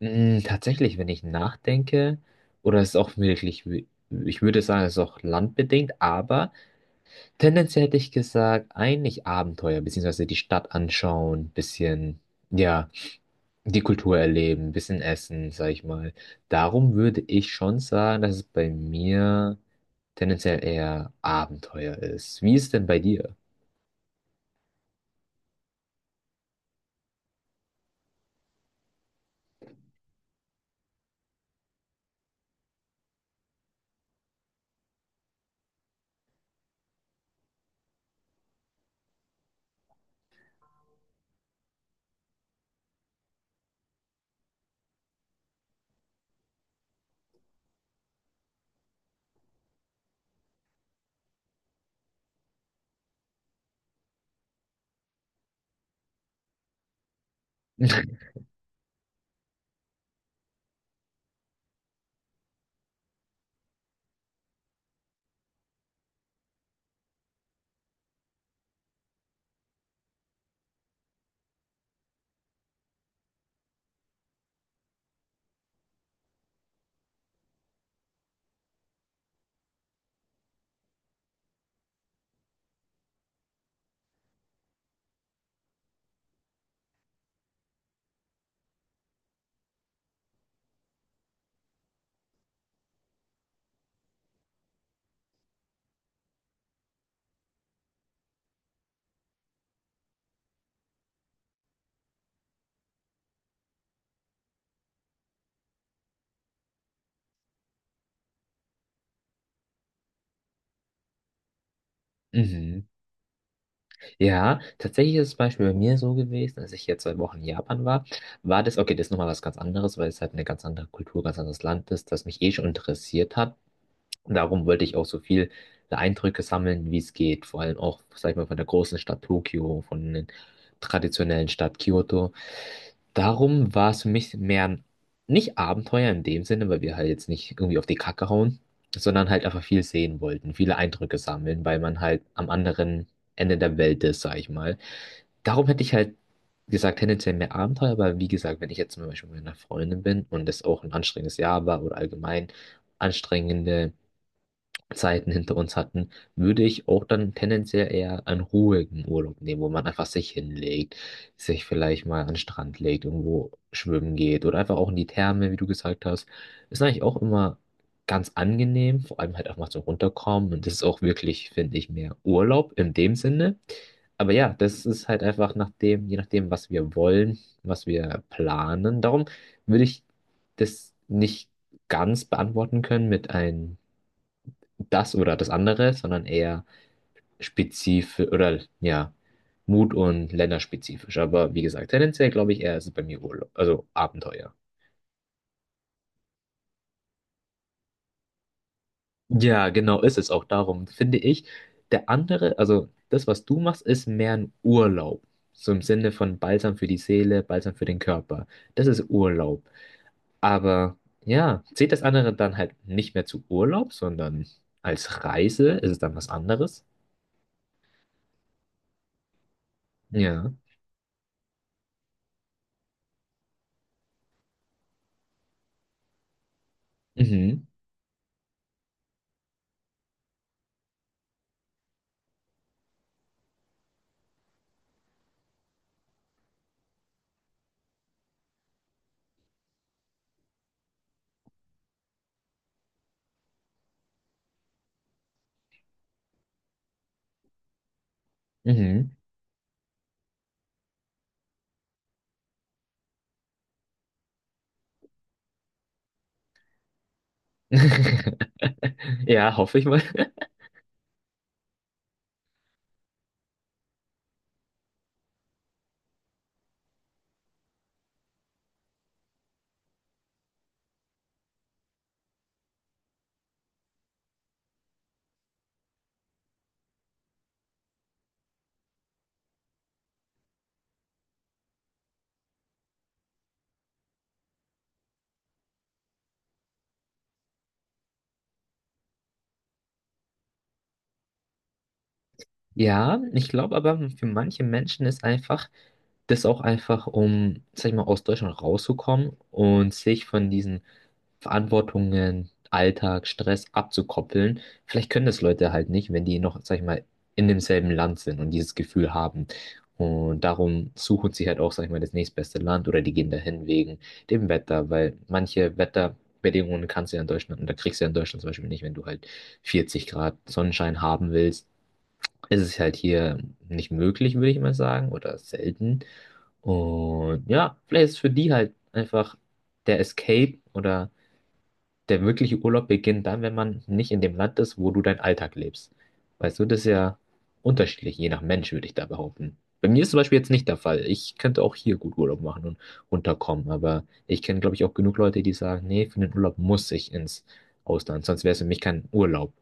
Tatsächlich, wenn ich nachdenke, oder es ist auch wirklich, ich würde sagen, es ist auch landbedingt, aber tendenziell hätte ich gesagt, eigentlich Abenteuer, beziehungsweise die Stadt anschauen, bisschen, ja, die Kultur erleben, bisschen essen, sag ich mal. Darum würde ich schon sagen, dass es bei mir tendenziell eher Abenteuer ist. Wie ist denn bei dir? Mhm. Ja, tatsächlich ist es Beispiel bei mir so gewesen, als ich jetzt 2 Wochen in Japan war, war das, okay, das ist nochmal was ganz anderes, weil es halt eine ganz andere Kultur, ganz anderes Land ist, das mich eh schon interessiert hat. Und darum wollte ich auch so viele Eindrücke sammeln, wie es geht. Vor allem auch, sag ich mal, von der großen Stadt Tokio, von der traditionellen Stadt Kyoto. Darum war es für mich mehr ein, nicht Abenteuer in dem Sinne, weil wir halt jetzt nicht irgendwie auf die Kacke hauen, sondern halt einfach viel sehen wollten, viele Eindrücke sammeln, weil man halt am anderen Ende der Welt ist, sag ich mal. Darum hätte ich halt gesagt, tendenziell mehr Abenteuer, aber wie gesagt, wenn ich jetzt zum Beispiel mit einer Freundin bin und es auch ein anstrengendes Jahr war oder allgemein anstrengende Zeiten hinter uns hatten, würde ich auch dann tendenziell eher einen ruhigen Urlaub nehmen, wo man einfach sich hinlegt, sich vielleicht mal an den Strand legt, irgendwo schwimmen geht oder einfach auch in die Therme, wie du gesagt hast. Ist eigentlich auch immer ganz angenehm, vor allem halt auch mal so runterkommen und das ist auch wirklich, finde ich, mehr Urlaub in dem Sinne. Aber ja, das ist halt einfach nach dem, je nachdem, was wir wollen, was wir planen. Darum würde ich das nicht ganz beantworten können mit einem das oder das andere, sondern eher spezifisch oder ja, Mut und länderspezifisch. Aber wie gesagt, tendenziell glaube ich eher ist es bei mir Urlaub, also Abenteuer. Ja, genau ist es auch darum, finde ich. Der andere, also das, was du machst, ist mehr ein Urlaub. So im Sinne von Balsam für die Seele, Balsam für den Körper. Das ist Urlaub. Aber ja, zählt das andere dann halt nicht mehr zu Urlaub, sondern als Reise ist es dann was anderes? Ja. Mhm. Mhm. Ja, hoffe ich mal. Ja, ich glaube aber, für manche Menschen ist einfach das auch einfach, um, sag ich mal, aus Deutschland rauszukommen und sich von diesen Verantwortungen, Alltag, Stress abzukoppeln. Vielleicht können das Leute halt nicht, wenn die noch, sag ich mal, in demselben Land sind und dieses Gefühl haben. Und darum suchen sie halt auch, sag ich mal, das nächstbeste Land oder die gehen dahin wegen dem Wetter, weil manche Wetterbedingungen kannst du ja in Deutschland, und da kriegst du ja in Deutschland zum Beispiel nicht, wenn du halt 40 Grad Sonnenschein haben willst ist es halt hier nicht möglich, würde ich mal sagen, oder selten. Und ja, vielleicht ist für die halt einfach der Escape oder der wirkliche Urlaub beginnt dann, wenn man nicht in dem Land ist, wo du deinen Alltag lebst. Weißt du, das ist ja unterschiedlich, je nach Mensch, würde ich da behaupten. Bei mir ist zum Beispiel jetzt nicht der Fall. Ich könnte auch hier gut Urlaub machen und runterkommen, aber ich kenne, glaube ich, auch genug Leute, die sagen, nee, für den Urlaub muss ich ins Ausland, sonst wäre es für mich kein Urlaub.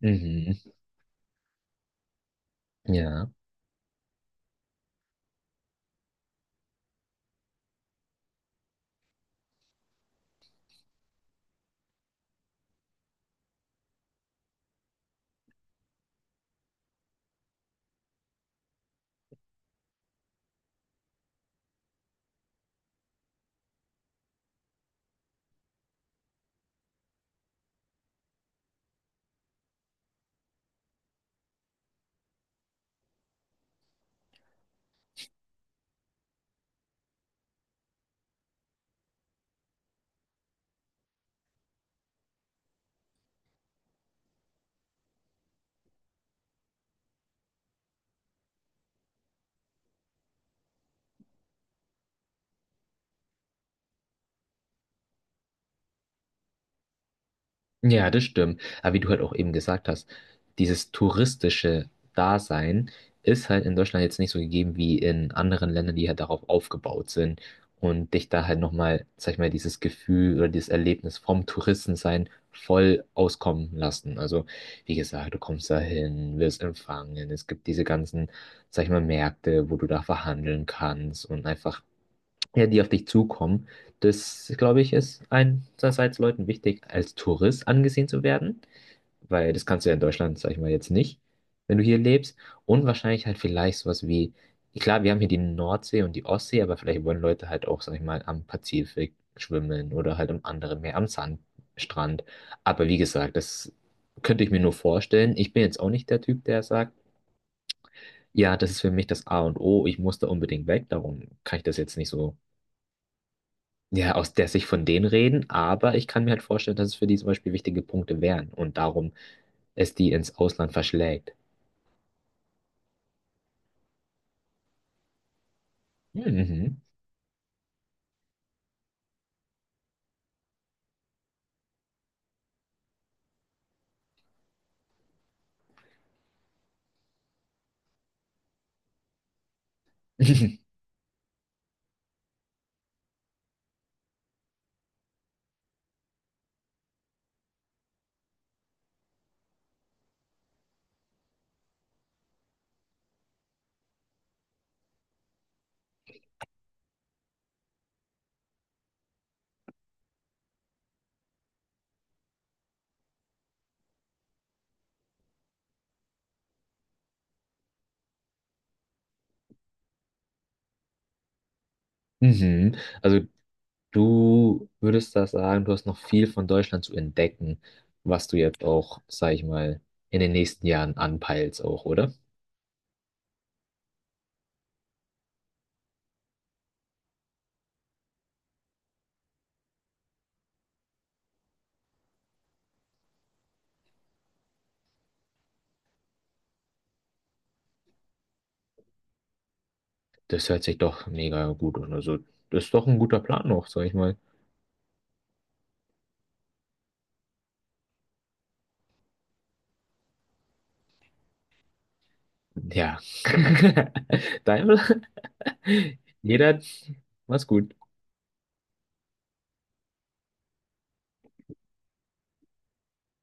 Mhm. Ja. Ja, das stimmt. Aber wie du halt auch eben gesagt hast, dieses touristische Dasein ist halt in Deutschland jetzt nicht so gegeben wie in anderen Ländern, die halt darauf aufgebaut sind und dich da halt nochmal, sag ich mal, dieses Gefühl oder dieses Erlebnis vom Touristensein voll auskommen lassen. Also, wie gesagt, du kommst da hin, wirst empfangen, es gibt diese ganzen, sag ich mal, Märkte, wo du da verhandeln kannst und einfach ja, die auf dich zukommen. Das, glaube ich, ist einerseits Leuten wichtig, als Tourist angesehen zu werden, weil das kannst du ja in Deutschland, sag ich mal, jetzt nicht, wenn du hier lebst. Und wahrscheinlich halt vielleicht sowas wie, klar, wir haben hier die Nordsee und die Ostsee, aber vielleicht wollen Leute halt auch, sag ich mal, am Pazifik schwimmen oder halt am anderen Meer, am Sandstrand. Aber wie gesagt, das könnte ich mir nur vorstellen. Ich bin jetzt auch nicht der Typ, der sagt, ja, das ist für mich das A und O, ich muss da unbedingt weg, darum kann ich das jetzt nicht so ja, aus der Sicht von denen reden, aber ich kann mir halt vorstellen, dass es für die zum Beispiel wichtige Punkte wären und darum es die ins Ausland verschlägt. Hm. Mhm. Mhm. Also du würdest da sagen, du hast noch viel von Deutschland zu entdecken, was du jetzt auch, sag ich mal, in den nächsten Jahren anpeilst auch, oder? Das hört sich doch mega gut an. Also das ist doch ein guter Plan noch, sag ich mal. Ja. Daimler, jeder, mach's gut.